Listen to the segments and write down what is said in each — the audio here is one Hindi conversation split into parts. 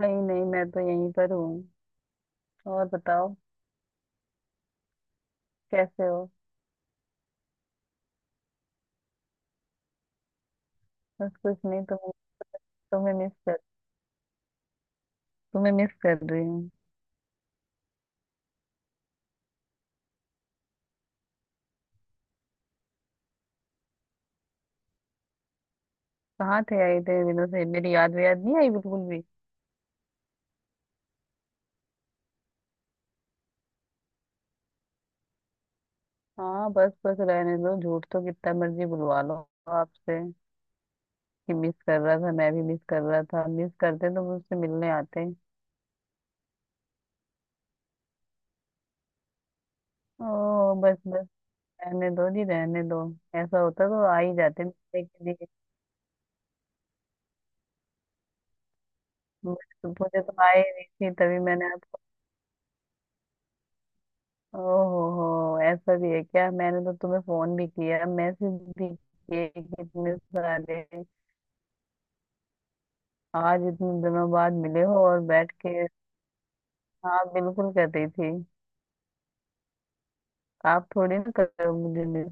नहीं नहीं, मैं तो यहीं पर हूँ। और बताओ, कैसे हो? बस कुछ नहीं, तुम। तुम्हें मिस कर तुम्हें मिस कर रही हूँ। कहाँ थे आई, इतने दिनों से मेरी याद याद नहीं आई बिल्कुल भी? हाँ, बस बस रहने दो, झूठ तो कितना मर्जी बुलवा लो आपसे कि मिस कर रहा था, मैं भी मिस कर रहा था। मिस करते तो मुझसे मिलने आते। ओ बस बस, रहने दो जी, रहने दो। ऐसा होता तो आ ही जाते मिलने के लिए। मुझे तो आए नहीं थी, तभी मैंने। ओहो, ऐसा भी है क्या? मैंने तो तुम्हें फोन भी किया, मैसेज भी किए, कि इतने सारे। आज इतने दिनों बाद मिले हो और बैठ के। हाँ, बिल्कुल कर रही थी। आप थोड़ी ना कर रहे हो मुझे मिस।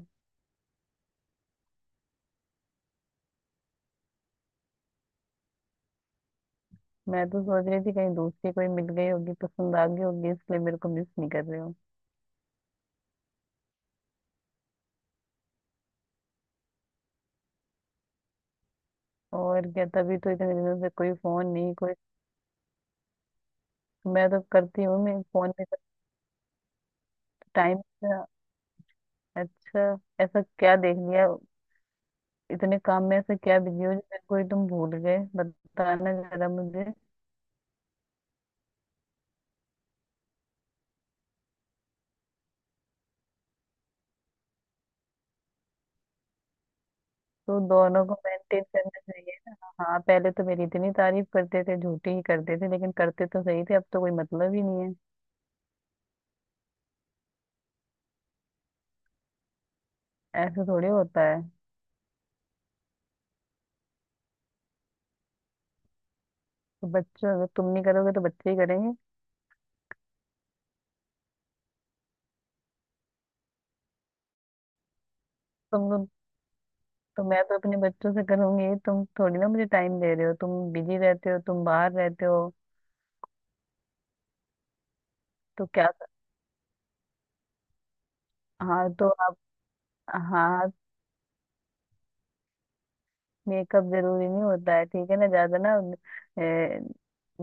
मैं तो सोच रही थी कहीं दूसरी कोई मिल गई होगी, पसंद आ गई होगी, इसलिए मेरे को मिस नहीं कर रहे हो। और क्या, तभी तो इतने दिनों से कोई फोन नहीं, कोई। मैं तो करती हूँ, मैं फोन में करती। टाइम। अच्छा। ऐसा क्या देख लिया? इतने काम में से क्या बिजी हो जो मेरे को ही तुम भूल गए, बताना जरा मुझे। तो दोनों को मेंटेन करना चाहिए ना। हाँ, पहले तो मेरी इतनी तारीफ करते थे, झूठी ही करते थे, लेकिन करते तो सही थे, अब तो कोई मतलब ही नहीं है। ऐसा थोड़ी होता है। तो बच्चों, अगर तुम नहीं करोगे तो बच्चे ही करेंगे। तुम तो मैं तो अपने बच्चों से करूंगी, तुम थोड़ी ना मुझे टाइम दे रहे हो, तुम बिजी रहते हो, तुम बाहर रहते हो। तो क्या? हाँ तो आप। हाँ। मेकअप जरूरी नहीं होता है, ठीक है ना, ज्यादा ना। ए,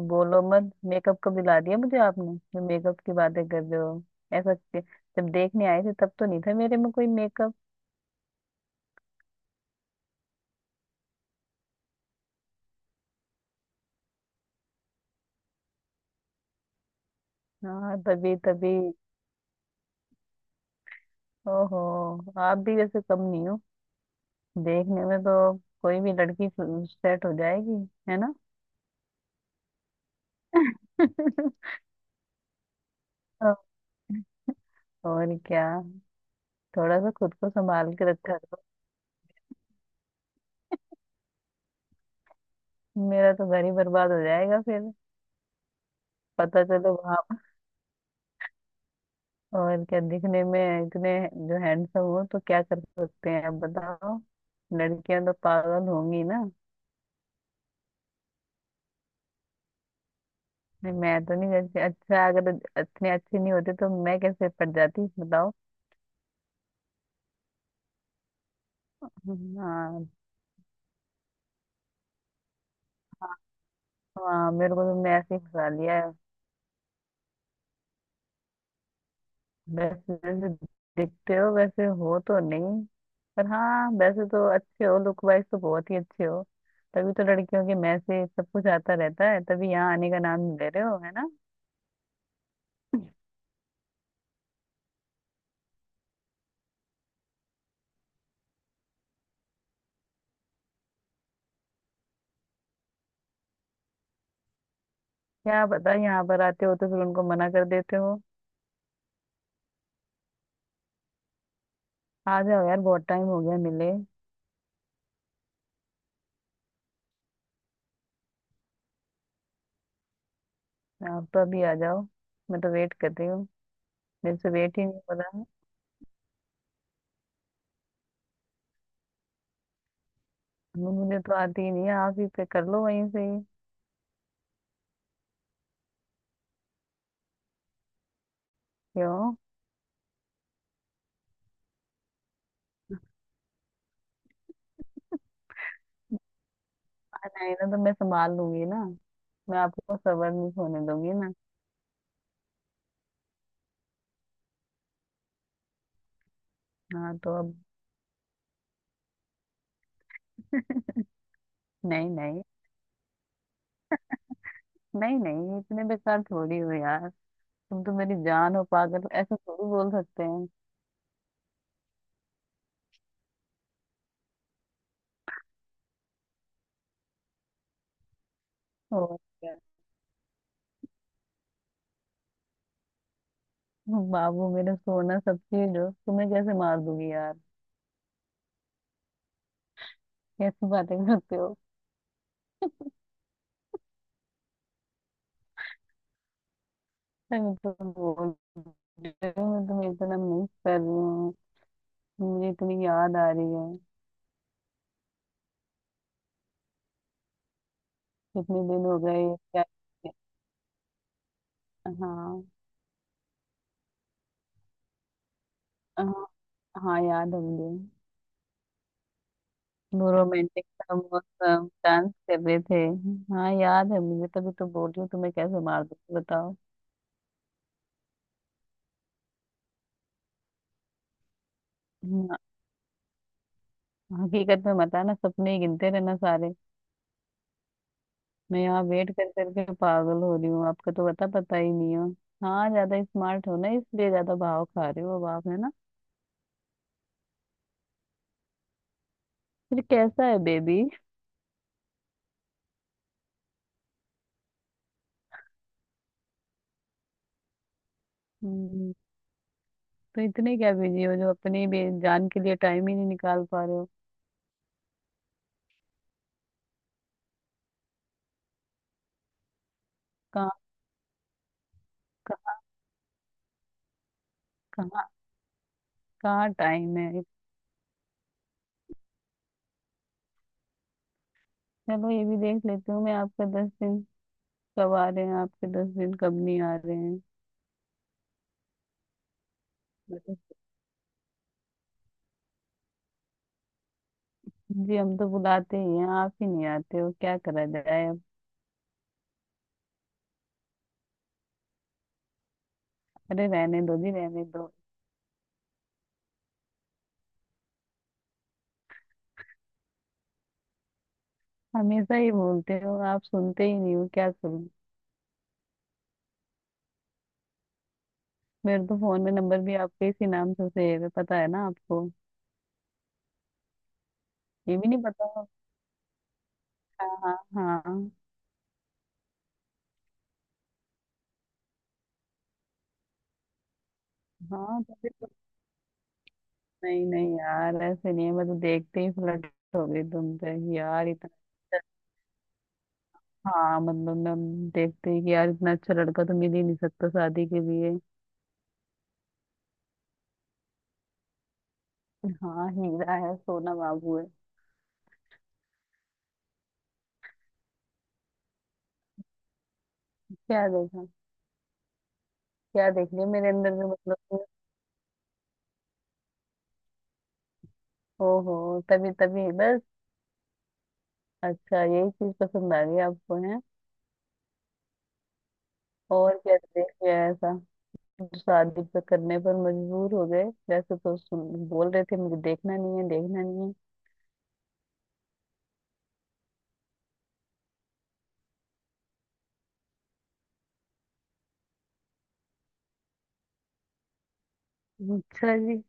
बोलो मत! मेकअप कब दिला दिया मुझे आपने, जो मेकअप की बातें कर रहे हो? ऐसा कि- जब देखने आए थे तब तो नहीं था मेरे में कोई मेकअप। हाँ, तभी तभी। ओहो, आप भी वैसे कम नहीं हो, देखने में तो। कोई भी लड़की सेट हो जाएगी, है ना? और क्या। थोड़ा सा खुद को संभाल के रखा करो। मेरा तो घर ही बर्बाद हो जाएगा फिर। पता चलो। और क्या, दिखने में इतने जो हैंडसम हो, तो क्या कर सकते हैं अब, बताओ। लड़कियां तो पागल होंगी ना। नहीं, मैं तो नहीं करती। अच्छा, अगर इतने अच्छे नहीं होते तो मैं कैसे पड़ जाती, बताओ। हाँ। हाँ, मेरे को तुमने ऐसे ही फंसा लिया है। वैसे जैसे दिखते हो वैसे हो तो नहीं, पर हाँ, वैसे तो अच्छे हो, लुक वाइज तो बहुत ही अच्छे हो। तभी तो लड़कियों के मैसेज सब कुछ आता रहता है, तभी यहाँ आने का नाम नहीं ले रहे हो, है ना? क्या पता, यहाँ पर आते हो तो फिर उनको मना कर देते हो। आ जाओ यार, बहुत टाइम हो गया मिले। आप तो अभी आ जाओ, मैं तो वेट कर रही हूँ, मेरे से वेट ही नहीं हो रहा है। मुझे तो आती ही नहीं है, आप ही पे कर लो वहीं से ही। क्यों? आ जाए ना तो मैं संभाल लूंगी ना, मैं आपको सबर नहीं होने दूंगी ना। हाँ तो अब। नहीं नहीं। नहीं नहीं, इतने बेकार थोड़ी हो यार। तुम तो मेरी जान हो पागल, ऐसा थोड़ी बोल सकते हैं। और क्या। बाबू, मेरा सोना, सब चीज हो, तुम्हें कैसे मार दूंगी यार? कैसी बातें करते हो? अरे, मैं तो बोल रही हूँ, मैं तुम्हें इतना मिस कर रही हूँ, मुझे इतनी याद आ रही है। कितने दिन हो गए? क्या? हाँ। हाँ। हाँ, याद है मुझे। वो रोमांटिक डांस कर रहे थे। हाँ, याद है मुझे, तभी तो बोल रही हूँ तुम्हें कैसे मार दूँ, बताओ। हाँ, हकीकत में मत आना, सपने ही गिनते रहना सारे। मैं यहाँ वेट कर करके पागल हो रही हूँ, आपका तो पता पता ही नहीं हो। हाँ, ज्यादा स्मार्ट हो ना, इसलिए ज्यादा भाव खा रहे हो अब आप, है ना? फिर कैसा है बेबी? हम्म, तो इतने क्या बिजी हो जो अपनी जान के लिए टाइम ही नहीं निकाल पा रहे हो? कहाँ। कहाँ। कहाँ। कहाँ टाइम है? चलो, ये भी देख लेती हूँ मैं आपका 10 दिन। कब आ रहे हैं आपके 10 दिन, कब नहीं आ रहे हैं? मतलब, जी, हम तो बुलाते ही हैं, आप ही नहीं आते हो, क्या करा जाए अब? अरे रहने दो जी, रहने दो। हमेशा ही बोलते हो आप, सुनते ही नहीं हो, क्या करूँ? मेरे तो फोन में नंबर भी आपके इसी नाम से सेव है, पता है ना आपको? ये भी नहीं पता होगा। हाँ हाँ। हाँ तो फिर। नहीं नहीं यार, ऐसे नहीं है, मैं तो देखते ही फ्लर्ट हो गई तुमसे कि यार इतना। हाँ मतलब, मैं देखते ही कि यार, इतना अच्छा लड़का तो मिल ही नहीं सकता शादी के लिए। हाँ, हीरा है, सोना बाबू है। क्या देखा? क्या देख लिया मेरे अंदर में मतलब तुमने? ओहो, तभी तभी बस। अच्छा, यही चीज पसंद आ गई आपको, है। और क्या देख लिया ऐसा जो शादी पे करने पर मजबूर हो गए? वैसे तो सुन बोल रहे थे मुझे देखना नहीं है, देखना नहीं है। अच्छा जी,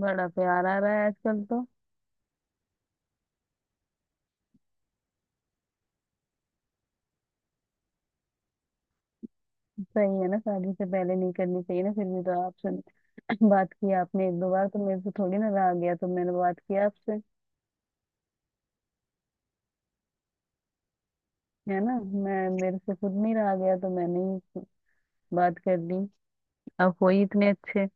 बड़ा प्यार आ रहा है आजकल तो। सही है ना, शादी से पहले नहीं करनी चाहिए ना। फिर भी तो आपसे बात किया आपने एक दो बार, तो मेरे से थोड़ी ना रहा गया, तो मैंने बात किया आपसे, है ना? मैं मेरे से खुद नहीं रहा गया तो मैंने ही बात कर दी। आप हो ही इतने अच्छे।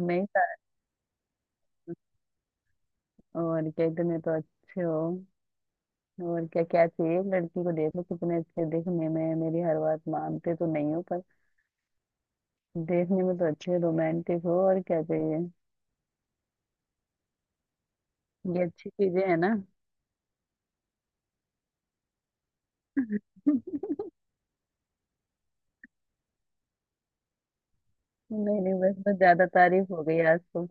नहीं था। और क्या, इतने तो अच्छे हो, और क्या क्या चाहिए एक लड़की को, देखो कितने अच्छे दिखने में है। मेरी हर बात मानते तो नहीं हो, पर देखने में तो अच्छे, रोमांटिक हो, और क्या चाहिए? ये अच्छी चीजें है ना। नहीं नहीं, बस बस, ज्यादा तारीफ हो गई आज तो।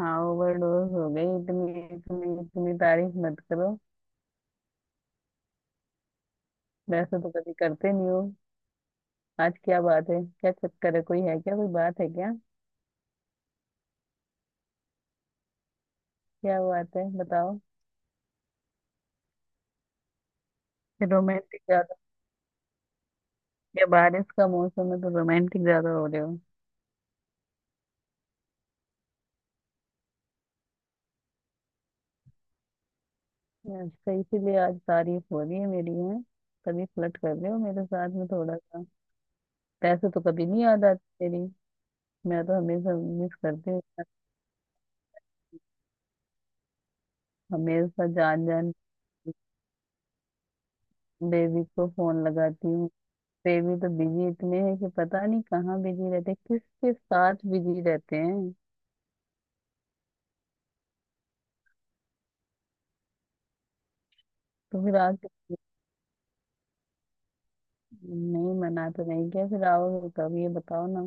हाँ, ओवरडोज हो गई, इतनी इतनी इतनी तारीफ मत करो। वैसे तो कभी करते नहीं हो, आज क्या बात है, क्या चक्कर है, कोई है क्या, कोई बात है क्या? क्या बात है, बताओ। रोमांटिक ज्यादा, या बारिश का मौसम है तो रोमांटिक ज्यादा हो रहे हो? अच्छा, इसीलिए आज तारीफ हो रही है मेरी, है? तभी फ्लर्ट कर रहे हो मेरे साथ में थोड़ा सा। पैसे तो कभी नहीं याद आती मेरी, मैं तो हमेशा मिस करती हूँ, हमेशा जान जान। बेबी को फोन लगाती हूँ, वे भी तो बिजी इतने हैं कि पता नहीं कहाँ बिजी रहते हैं, किसके साथ बिजी रहते हैं। तो फिर आज? नहीं, मना तो नहीं किया, फिर आओगे कब ये बताओ ना।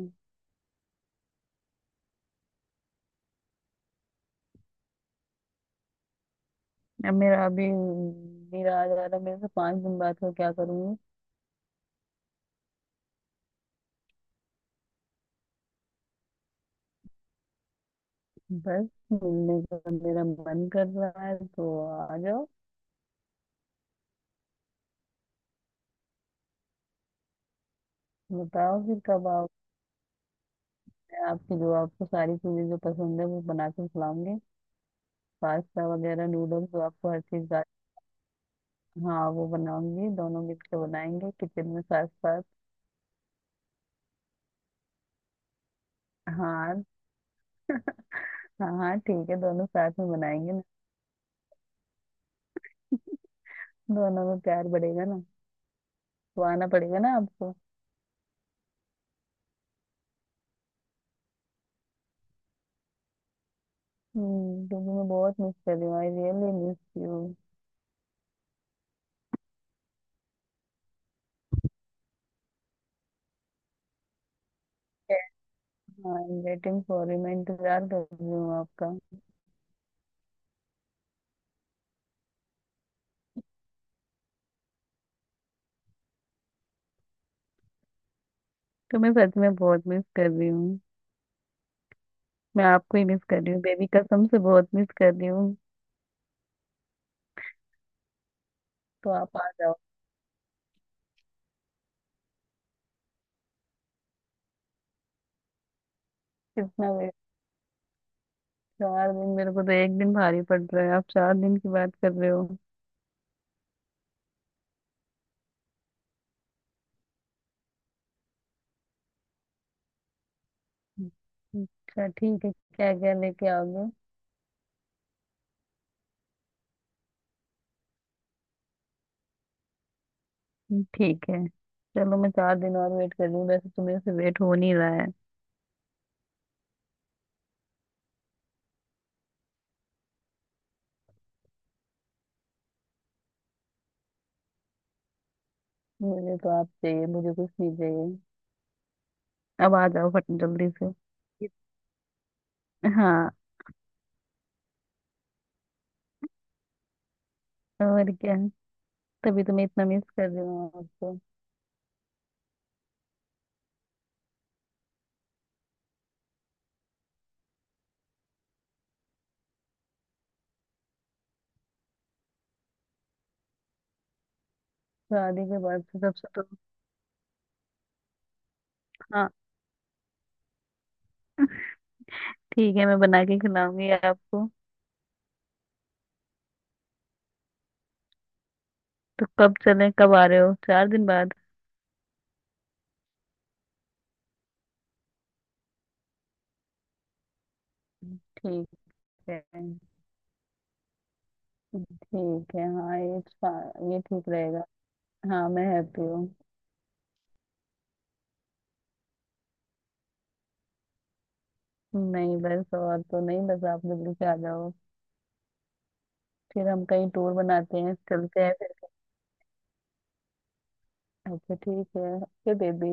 अब मेरा अभी, मेरा आ जा रहा, मेरे से 5 दिन बाद का क्या करूंगी? बस मिलने का मेरा मन कर रहा है तो आ जाओ। बताओ फिर कब आओगे? आपकी जो आपको सारी चीजें जो पसंद है वो बना के खिलाऊंगी, पास्ता वगैरह नूडल्स, जो आपको हर चीज। हाँ वो बनाऊंगी, दोनों मिलकर बनाएंगे किचन में साथ साथ। हाँ हाँ हाँ, ठीक है, दोनों साथ में बनाएंगे ना, दोनों में प्यार बढ़ेगा ना। तो आना पड़ेगा ना आपको। हम्म, क्योंकि मैं बहुत मिस कर रही हूँ, I really miss you. I am waiting for you, मैं इंतजार कर रही हूँ आपका। तो मैं सच में बहुत मिस कर रही हूँ, मैं आपको ही मिस कर रही हूँ बेबी, कसम से बहुत मिस कर रही हूँ। तो आप आ जाओ। कितना वेट? 4 दिन? मेरे को तो एक दिन भारी पड़ रहा है, आप चार दिन की बात कर रहे हो? अच्छा ठीक है, क्या क्या लेके आओगे? ठीक है, चलो, मैं 4 दिन और वेट कर रही हूँ, वैसे तो मेरे से वेट हो नहीं रहा है। मुझे तो आप चाहिए, मुझे कुछ नहीं चाहिए। अब आ जाओ फट जल्दी से। हाँ। और क्या, तभी तो मैं इतना मिस कर रही हूँ आपको। शादी के बाद से सबसे तो। हाँ ठीक है, मैं बना के खिलाऊंगी आपको। तो कब चले, कब आ रहे हो, 4 दिन बाद? ठीक है। ठीक है हाँ, ये ये ठीक रहेगा। हाँ मैं हैप्पी हूँ। नहीं, बस और तो नहीं, बस आप जल्दी से आ जाओ, फिर हम कहीं टूर बनाते हैं, चलते हैं फिर। अच्छा ठीक है, ओके बेबी।